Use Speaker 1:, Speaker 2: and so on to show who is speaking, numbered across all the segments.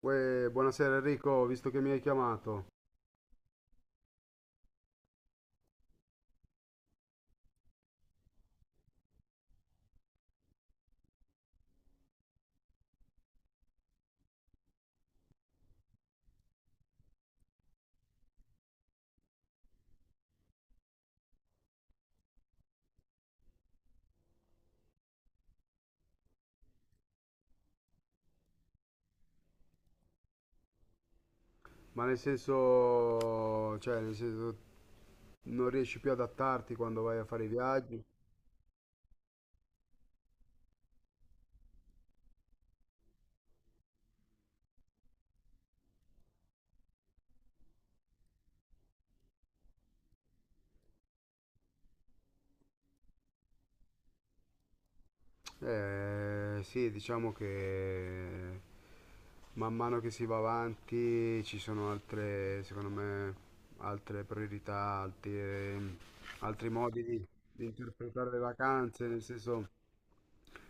Speaker 1: Uè, buonasera Enrico, visto che mi hai chiamato, ma nel senso, cioè, nel senso, non riesci più ad adattarti quando vai a fare i viaggi? Sì, diciamo che man mano che si va avanti ci sono altre, secondo me, altre priorità, altri, altri modi di interpretare le vacanze,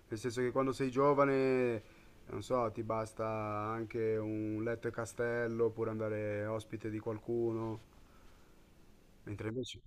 Speaker 1: nel senso che quando sei giovane, non so, ti basta anche un letto e castello oppure andare ospite di qualcuno, mentre invece...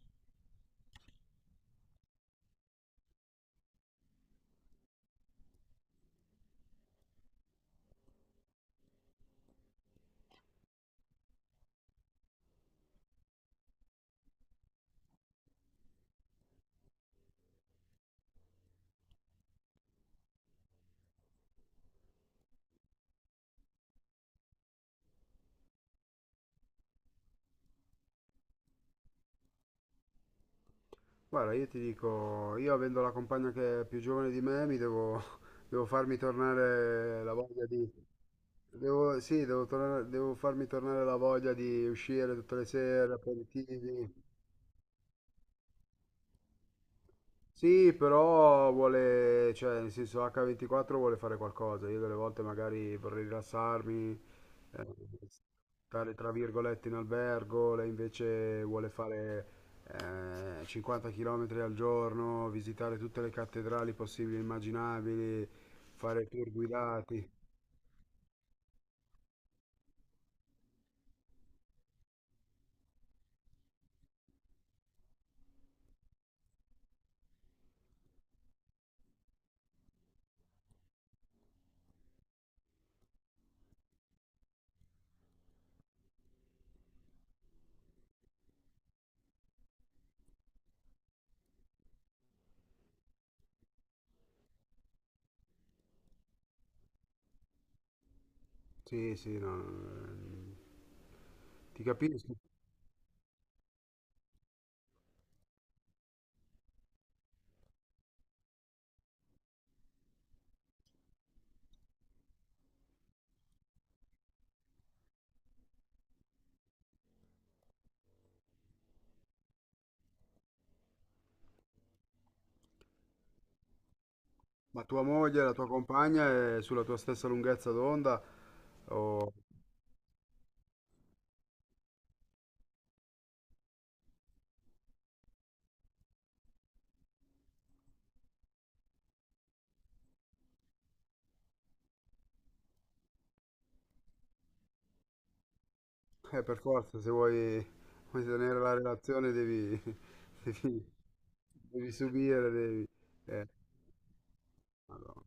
Speaker 1: Guarda, io ti dico, io avendo la compagna che è più giovane di me, mi devo, devo farmi tornare la voglia di... Devo, sì, devo, tornare- devo farmi tornare la voglia di uscire tutte le sere, aperitivi. Sì, però vuole, cioè, nel senso H24 vuole fare qualcosa. Io delle volte magari vorrei rilassarmi. eh, Tale tra virgolette in albergo, lei invece vuole fare 50 km al giorno, visitare tutte le cattedrali possibili e immaginabili, fare tour guidati. Sì, sì, no, ti capisco. Ma tua moglie, la tua compagna è sulla tua stessa lunghezza d'onda? O... per forza, se vuoi tenere la relazione devi, devi, devi subire, devi... Eh, madonna.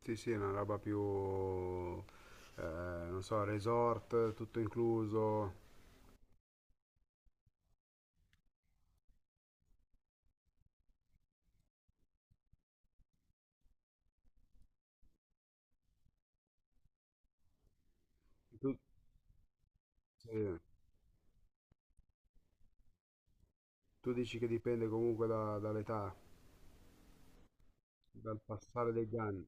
Speaker 1: Sì, sì, è una roba più, non so, resort, tutto incluso. Tu, sì, tu dici che dipende comunque da- dall'età, dal passare degli anni.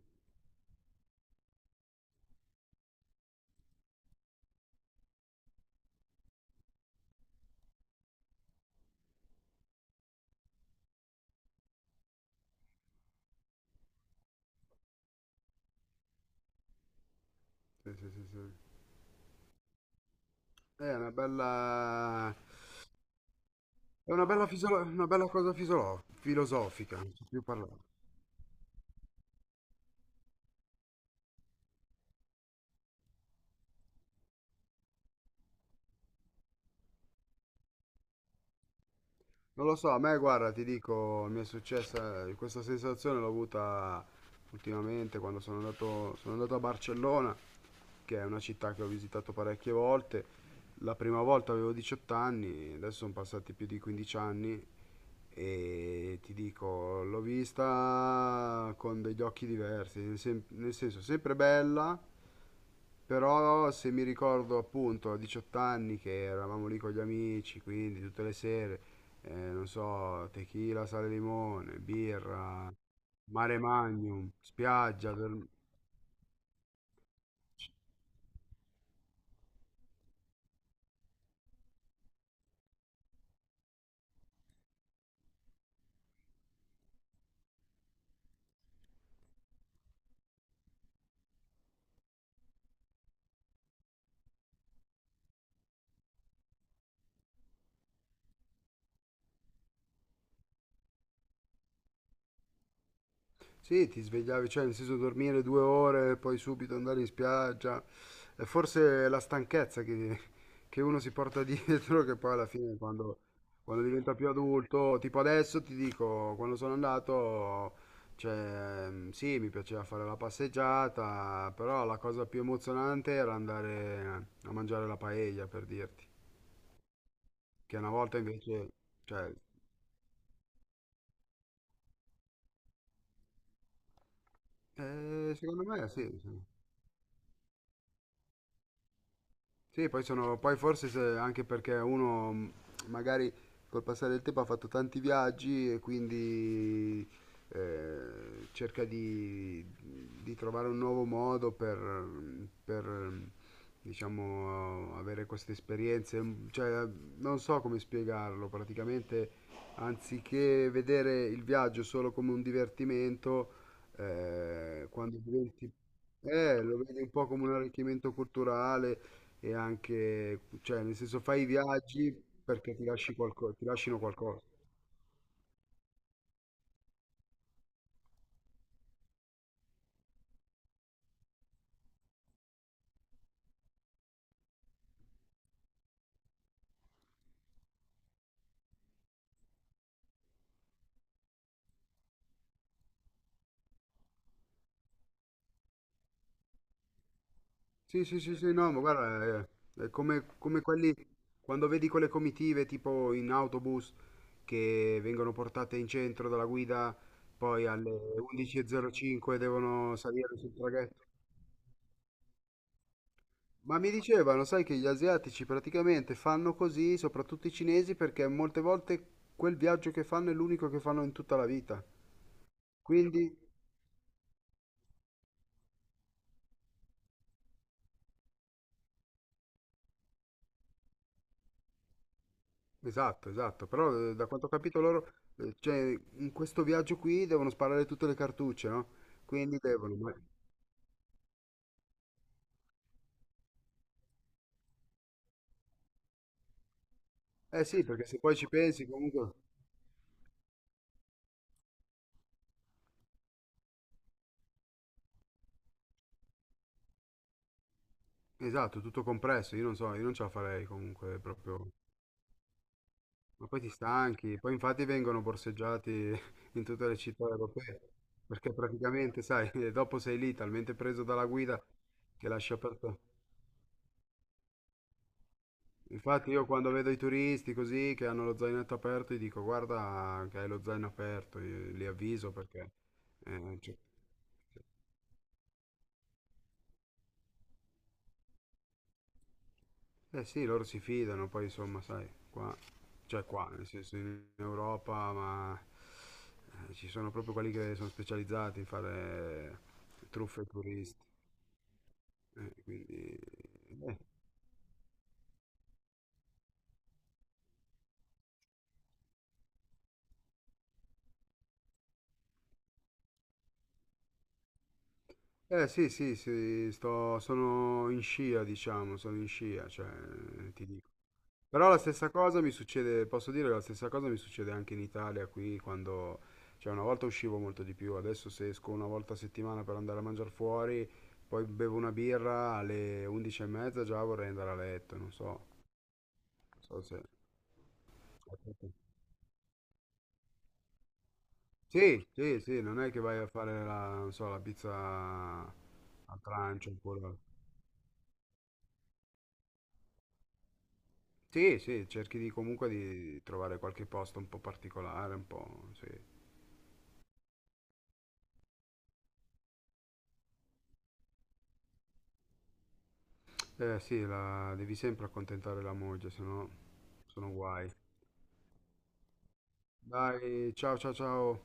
Speaker 1: Sì, sì, sì, sì. Eh, È una bella, è una bella, fisolo- una bella cosa fisolo- filosofica, non so più parlare. Non lo so, a me guarda, ti dico, mi è successa questa sensazione l'ho avuta ultimamente quando sono andato a Barcellona, che è una città che ho visitato parecchie volte. La prima volta avevo 18 anni, adesso sono passati più di 15 anni e ti dico, l'ho vista con degli occhi diversi, nel sen- nel senso sempre bella, però se mi ricordo appunto a 18 anni che eravamo lì con gli amici, quindi tutte le sere non so, tequila, sale, limone, birra, mare magnum, spiaggia. Dor- sì, ti svegliavi, cioè nel senso dormire 2 ore e poi subito andare in spiaggia. È forse la stanchezza che uno si porta dietro, che poi alla fine quando, quando diventa più adulto, tipo adesso ti dico, quando sono andato, cioè sì, mi piaceva fare la passeggiata, però la cosa più emozionante era andare a mangiare la paella, per dirti. Che una volta invece, cioè, secondo me sì. Sì. Sì, poi, sono, poi forse se- anche perché uno magari col passare del tempo ha fatto tanti viaggi e quindi cerca di trovare un nuovo modo per, diciamo, avere queste esperienze. Mm, cioè, non so come spiegarlo, praticamente anziché vedere il viaggio solo come un divertimento, quando diventi... lo vedi un po' come un arricchimento culturale, e anche, cioè, nel senso fai i viaggi perché ti lasci qualcosa, ti lasciano qualcosa. Sì, sì, sì, sì, no, ma guarda, è come, come quelli, quando vedi quelle comitive tipo in autobus che vengono portate in centro dalla guida, poi alle 11:05 devono salire sul traghetto. Ma mi dicevano, sai che gli asiatici praticamente fanno così, soprattutto i cinesi, perché molte volte quel viaggio che fanno è l'unico che fanno in tutta la vita. Quindi, esatto, esatto, però da quanto ho capito loro, cioè, in questo viaggio qui devono sparare tutte le cartucce, no? Quindi devono... ma- eh sì, perché se poi ci pensi comunque... Esatto, tutto compresso, io non so, io non ce la farei comunque proprio... Ma poi ti stanchi, poi infatti vengono borseggiati in tutte le città europee, perché praticamente, sai, dopo sei lì talmente preso dalla guida che lasci aperto... Infatti io quando vedo i turisti così che hanno lo zainetto aperto, gli dico guarda che hai lo zaino aperto, io li avviso perché... cioè- eh sì, loro si fidano, poi insomma, sai, qua, cioè qua, nel senso in Europa, ma ci sono proprio quelli che sono specializzati in fare truffe ai turisti. Quindi... Eh. Sì, sì, sì, sto, sono in scia, diciamo, sono in scia, cioè, ti dico. Però la stessa cosa mi succede, posso dire, la stessa cosa mi succede anche in Italia, qui quando, cioè una volta uscivo molto di più, adesso se esco una volta a settimana per andare a mangiare fuori, poi bevo una birra alle 11 e mezza già vorrei andare a letto, non so, non so se... Sì, sì, sì, non è che vai a fare la, non so, la pizza al trancio oppure... Sì, sì, cerchi di comunque di trovare qualche posto un po' particolare, un po', sì. Eh sì, la- devi sempre accontentare la moglie, se no sono guai. Dai, ciao ciao ciao.